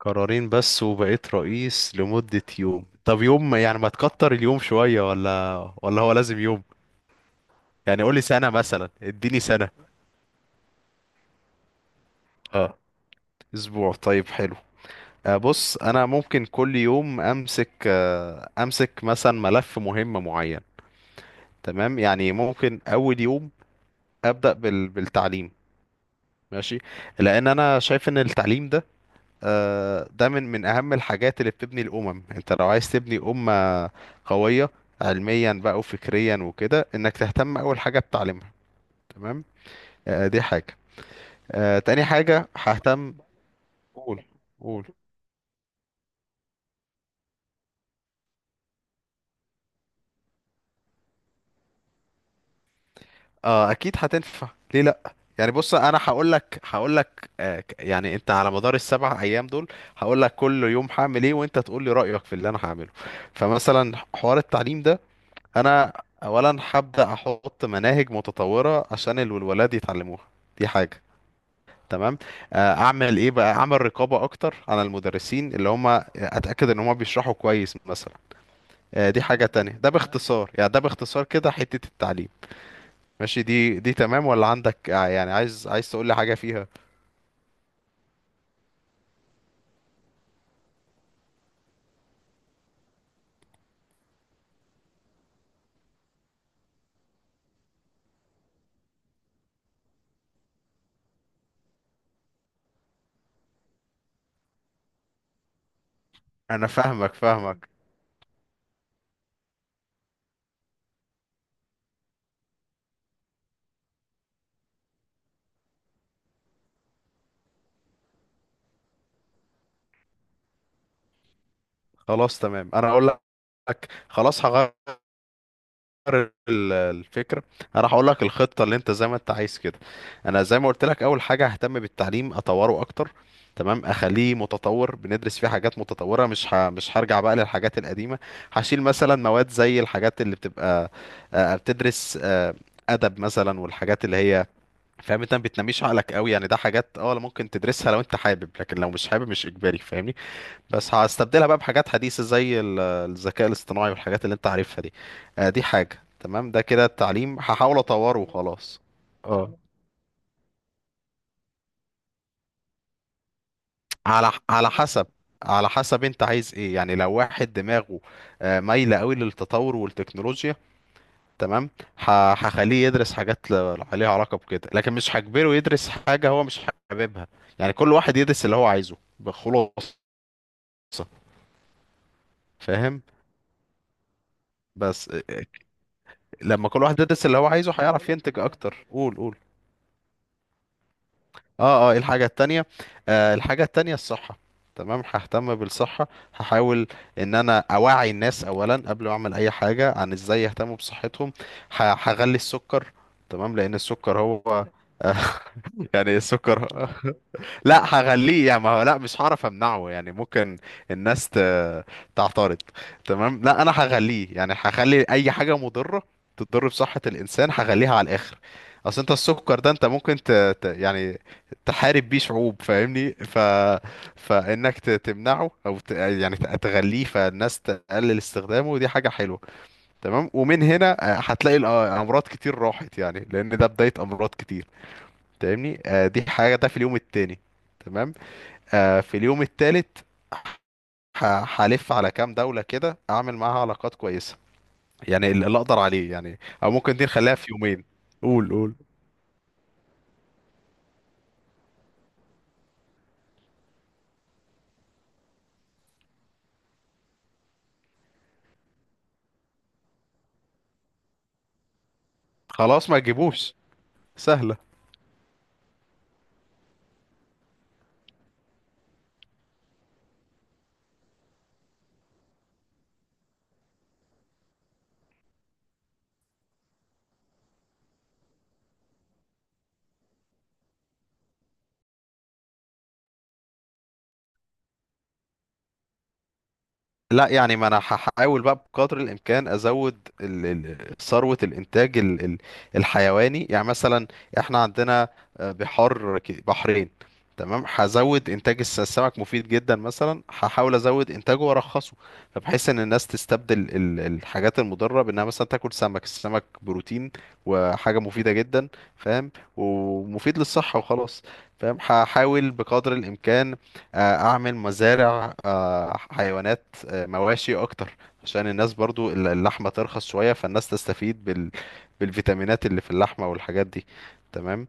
قرارين بس وبقيت رئيس لمدة يوم. طب يوم يعني، ما تكتر اليوم شوية، ولا هو لازم يوم؟ يعني قولي سنة مثلا، اديني سنة. اه اسبوع، طيب حلو. بص انا ممكن كل يوم امسك، امسك مثلا ملف مهم معين. تمام، يعني ممكن اول يوم ابدا بالتعليم. ماشي. لان انا شايف ان التعليم ده، ده من اهم الحاجات اللي بتبني الامم. انت لو عايز تبني امه قويه علميا بقى وفكريا وكده، انك تهتم اول حاجه بتعليمها. تمام. دي حاجه. تاني حاجه ههتم. قول قول. اه اكيد هتنفع، ليه لا؟ يعني بص انا هقول لك يعني انت على مدار السبع ايام دول هقول لك كل يوم هعمل ايه، وانت تقول لي رايك في اللي انا هعمله. فمثلا حوار التعليم ده، انا اولا هبدا احط مناهج متطوره عشان الولاد يتعلموها. دي حاجه، تمام. اعمل ايه بقى، اعمل رقابه اكتر على المدرسين اللي هم، اتاكد ان هم بيشرحوا كويس مثلا. دي حاجه تانية. ده باختصار يعني، ده باختصار كده حته التعليم. ماشي، دي تمام، ولا عندك يعني عايز تقول لي حاجه فيها؟ انا فاهمك. خلاص تمام، انا اقول لك. خلاص هغير ال- الفكره. انا راح اقول لك الخطه اللي انت زي ما انت عايز كده. انا زي ما قلت لك، اول حاجه ههتم بالتعليم، اطوره اكتر. تمام، اخليه متطور، بندرس فيه حاجات متطوره، مش هرجع بقى للحاجات القديمه. هشيل مثلا مواد زي الحاجات اللي بتبقى بتدرس، ادب مثلا، والحاجات اللي هي، فاهم، انت ما بتنميش عقلك قوي يعني. ده حاجات اه ممكن تدرسها لو انت حابب، لكن لو مش حابب مش اجباري، فاهمني. بس هستبدلها بقى بحاجات حديثة زي الذكاء الاصطناعي، والحاجات اللي انت عارفها دي. دي حاجة، تمام. ده كده التعليم هحاول اطوره وخلاص. اه، على حسب، على حسب انت عايز ايه. يعني لو واحد دماغه مايلة قوي للتطور والتكنولوجيا، تمام، هخليه يدرس حاجات عليها علاقة بكده. لكن مش هجبره يدرس حاجة هو مش حاببها. يعني كل واحد يدرس اللي هو عايزه بخلاصة، فاهم. بس لما كل واحد يدرس اللي هو عايزه هيعرف ينتج اكتر. قول قول. اه اه، إيه الحاجة التانية؟ آه الحاجة التانية الصحة. تمام، ههتم بالصحة. هحاول ان انا اوعي الناس اولا، قبل ما اعمل اي حاجة، عن ازاي يهتموا بصحتهم. هغلي السكر، تمام، لان السكر هو يعني السكر لا هغليه، يعني ما هو لا مش هعرف امنعه، يعني ممكن الناس تعترض. تمام، لا انا هغليه، يعني هخلي اي حاجه مضره تضر بصحه الانسان هغليها على الاخر. اصل انت السكر ده انت ممكن يعني تحارب بيه شعوب، فاهمني. فانك تمنعه، او يعني تغليه فالناس تقلل استخدامه، دي حاجه حلوه. تمام، ومن هنا هتلاقي الامراض كتير راحت، يعني لان ده بدايه امراض كتير، فاهمني. دي حاجه، ده في اليوم التاني. تمام. في اليوم الثالث، هلف على كام دولة كده اعمل معاها علاقات كويسة، يعني اللي اقدر عليه، يعني او ممكن دي نخليها في يومين. قول قول. خلاص ما تجيبوش، سهلة. لا يعني ما انا هحاول بقى بقدر الامكان ازود ثروة الانتاج الحيواني. يعني مثلا احنا عندنا بحار، بحرين. تمام، هزود انتاج السمك، مفيد جدا مثلا، هحاول ازود انتاجه وارخصه. فبحيث ان الناس تستبدل الحاجات المضرة بانها مثلا تاكل سمك. السمك بروتين وحاجة مفيدة جدا، فاهم، ومفيد للصحة وخلاص. فاهم، هحاول بقدر الامكان اعمل مزارع حيوانات، مواشي اكتر، عشان الناس برضو اللحمة ترخص شوية، فالناس تستفيد بالفيتامينات اللي في اللحمة والحاجات دي. تمام.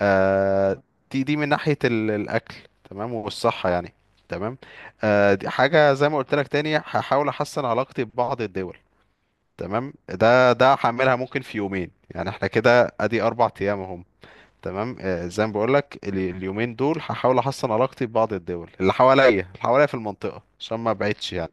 آه دي من ناحية الاكل، تمام، والصحة يعني. تمام. آه دي حاجة، زي ما قلت لك تاني هحاول احسن علاقتي ببعض الدول. تمام، ده هعملها ممكن في يومين، يعني احنا كده ادي اربع ايام اهم. تمام، آه زي ما بقول لك، اليومين دول هحاول احسن علاقتي ببعض الدول اللي حواليا، اللي حواليا في المنطقة، عشان ما ابعدش يعني.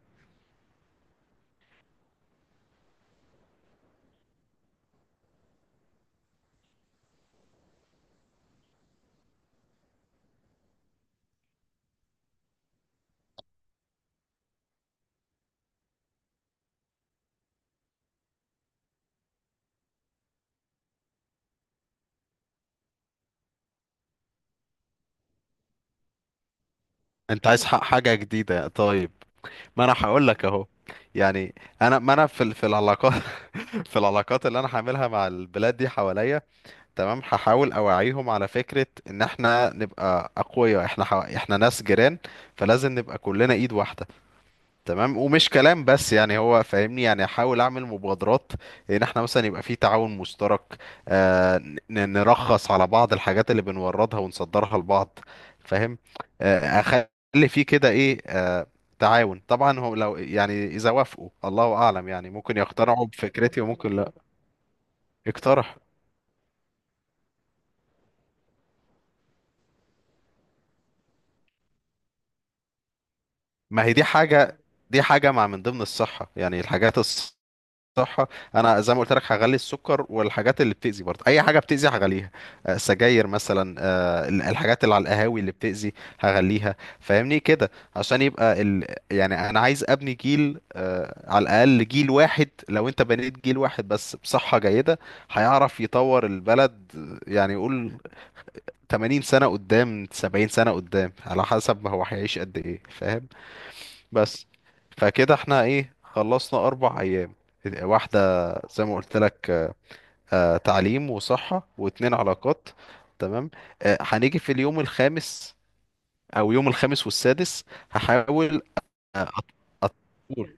انت عايز حق حاجة جديدة؟ طيب، ما انا هقول لك اهو. يعني انا، ما انا في في العلاقات في العلاقات اللي انا هعملها مع البلاد دي حواليا، تمام، هحاول اوعيهم على فكرة ان احنا نبقى اقوياء. احنا احنا ناس جيران، فلازم نبقى كلنا ايد واحدة. تمام، ومش كلام بس، يعني هو فاهمني، يعني احاول اعمل مبادرات ان احنا مثلا يبقى في تعاون مشترك. آه نرخص على بعض الحاجات اللي بنوردها ونصدرها لبعض، فاهم. آه اخلي في كده ايه، آه تعاون. طبعا هو لو، يعني اذا وافقوا الله اعلم، يعني ممكن يقتنعوا بفكرتي وممكن لا. اقترح. ما هي دي حاجة، دي حاجة مع من ضمن الصحة يعني، الحاجات، صح. انا زي ما قلت لك هغلي السكر، والحاجات اللي بتأذي برضه اي حاجه بتأذي هغليها. سجاير مثلا، الحاجات اللي على القهاوي اللي بتأذي هغليها، فاهمني كده. عشان يبقى يعني انا عايز ابني جيل على الاقل جيل واحد. لو انت بنيت جيل واحد بس بصحه جيده، هيعرف يطور البلد يعني، يقول 80 سنه قدام، 70 سنه قدام، على حسب ما هو هيعيش قد ايه، فاهم. بس. فكده احنا ايه، خلصنا اربع ايام، واحدة زي ما قلت لك تعليم وصحة، واتنين علاقات، تمام. هنيجي في اليوم الخامس، او يوم الخامس والسادس هحاول آه، أط- أط-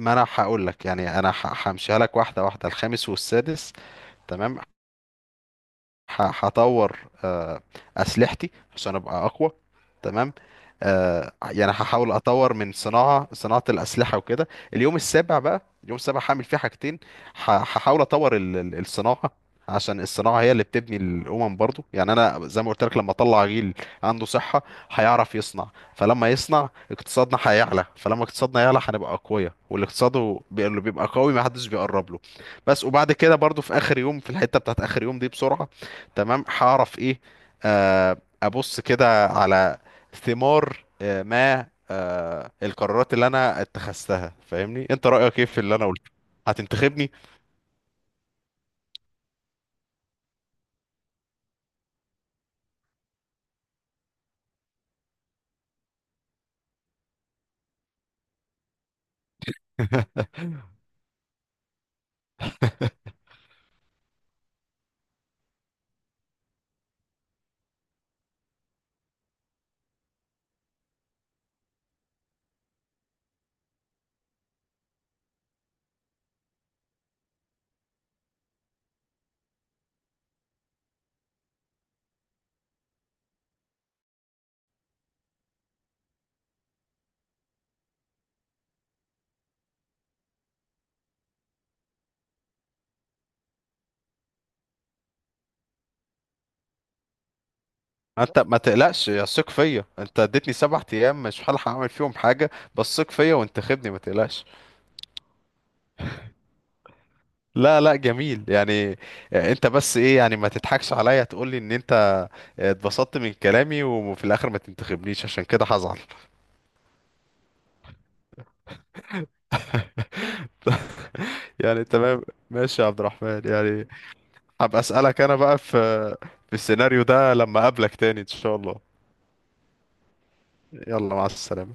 ما انا هقول لك يعني، انا همشيها لك واحدة واحدة. الخامس والسادس تمام، هطور آه، اسلحتي عشان ابقى اقوى. تمام. يعني هحاول اطور من صناعه الاسلحه وكده. اليوم السابع بقى، اليوم السابع هعمل فيه حاجتين. هحاول اطور الصناعه، عشان الصناعه هي اللي بتبني الامم برضو. يعني انا زي ما قلت لك، لما اطلع جيل عنده صحه هيعرف يصنع، فلما يصنع اقتصادنا هيعلى، فلما اقتصادنا يعلى هنبقى اقوياء. والاقتصاد اللي بيبقى قوي ما حدش بيقرب له. بس. وبعد كده برضو في اخر يوم، في الحته بتاعت اخر يوم دي، بسرعه تمام، هعرف ايه، آه، ابص كده على ثمار آه، ما آه، القرارات اللي انا اتخذتها، فاهمني. انت رأيك ايه في اللي انا قلته؟ هتنتخبني؟ ما انت ما تقلقش، يا ثق فيا. انت اديتني سبع ايام، مش هلحق اعمل فيهم حاجه، بس ثق فيا وانتخبني ما تقلقش. لا لا جميل يعني. انت بس ايه يعني، ما تضحكش عليا تقول لي ان انت اتبسطت من كلامي، وفي الاخر ما تنتخبنيش، عشان كده هزعل. يعني تمام. ماشي يا عبد الرحمن يعني، هبقى اسالك انا بقى في، في السيناريو ده لما اقابلك تاني ان شاء الله. يلا مع السلامة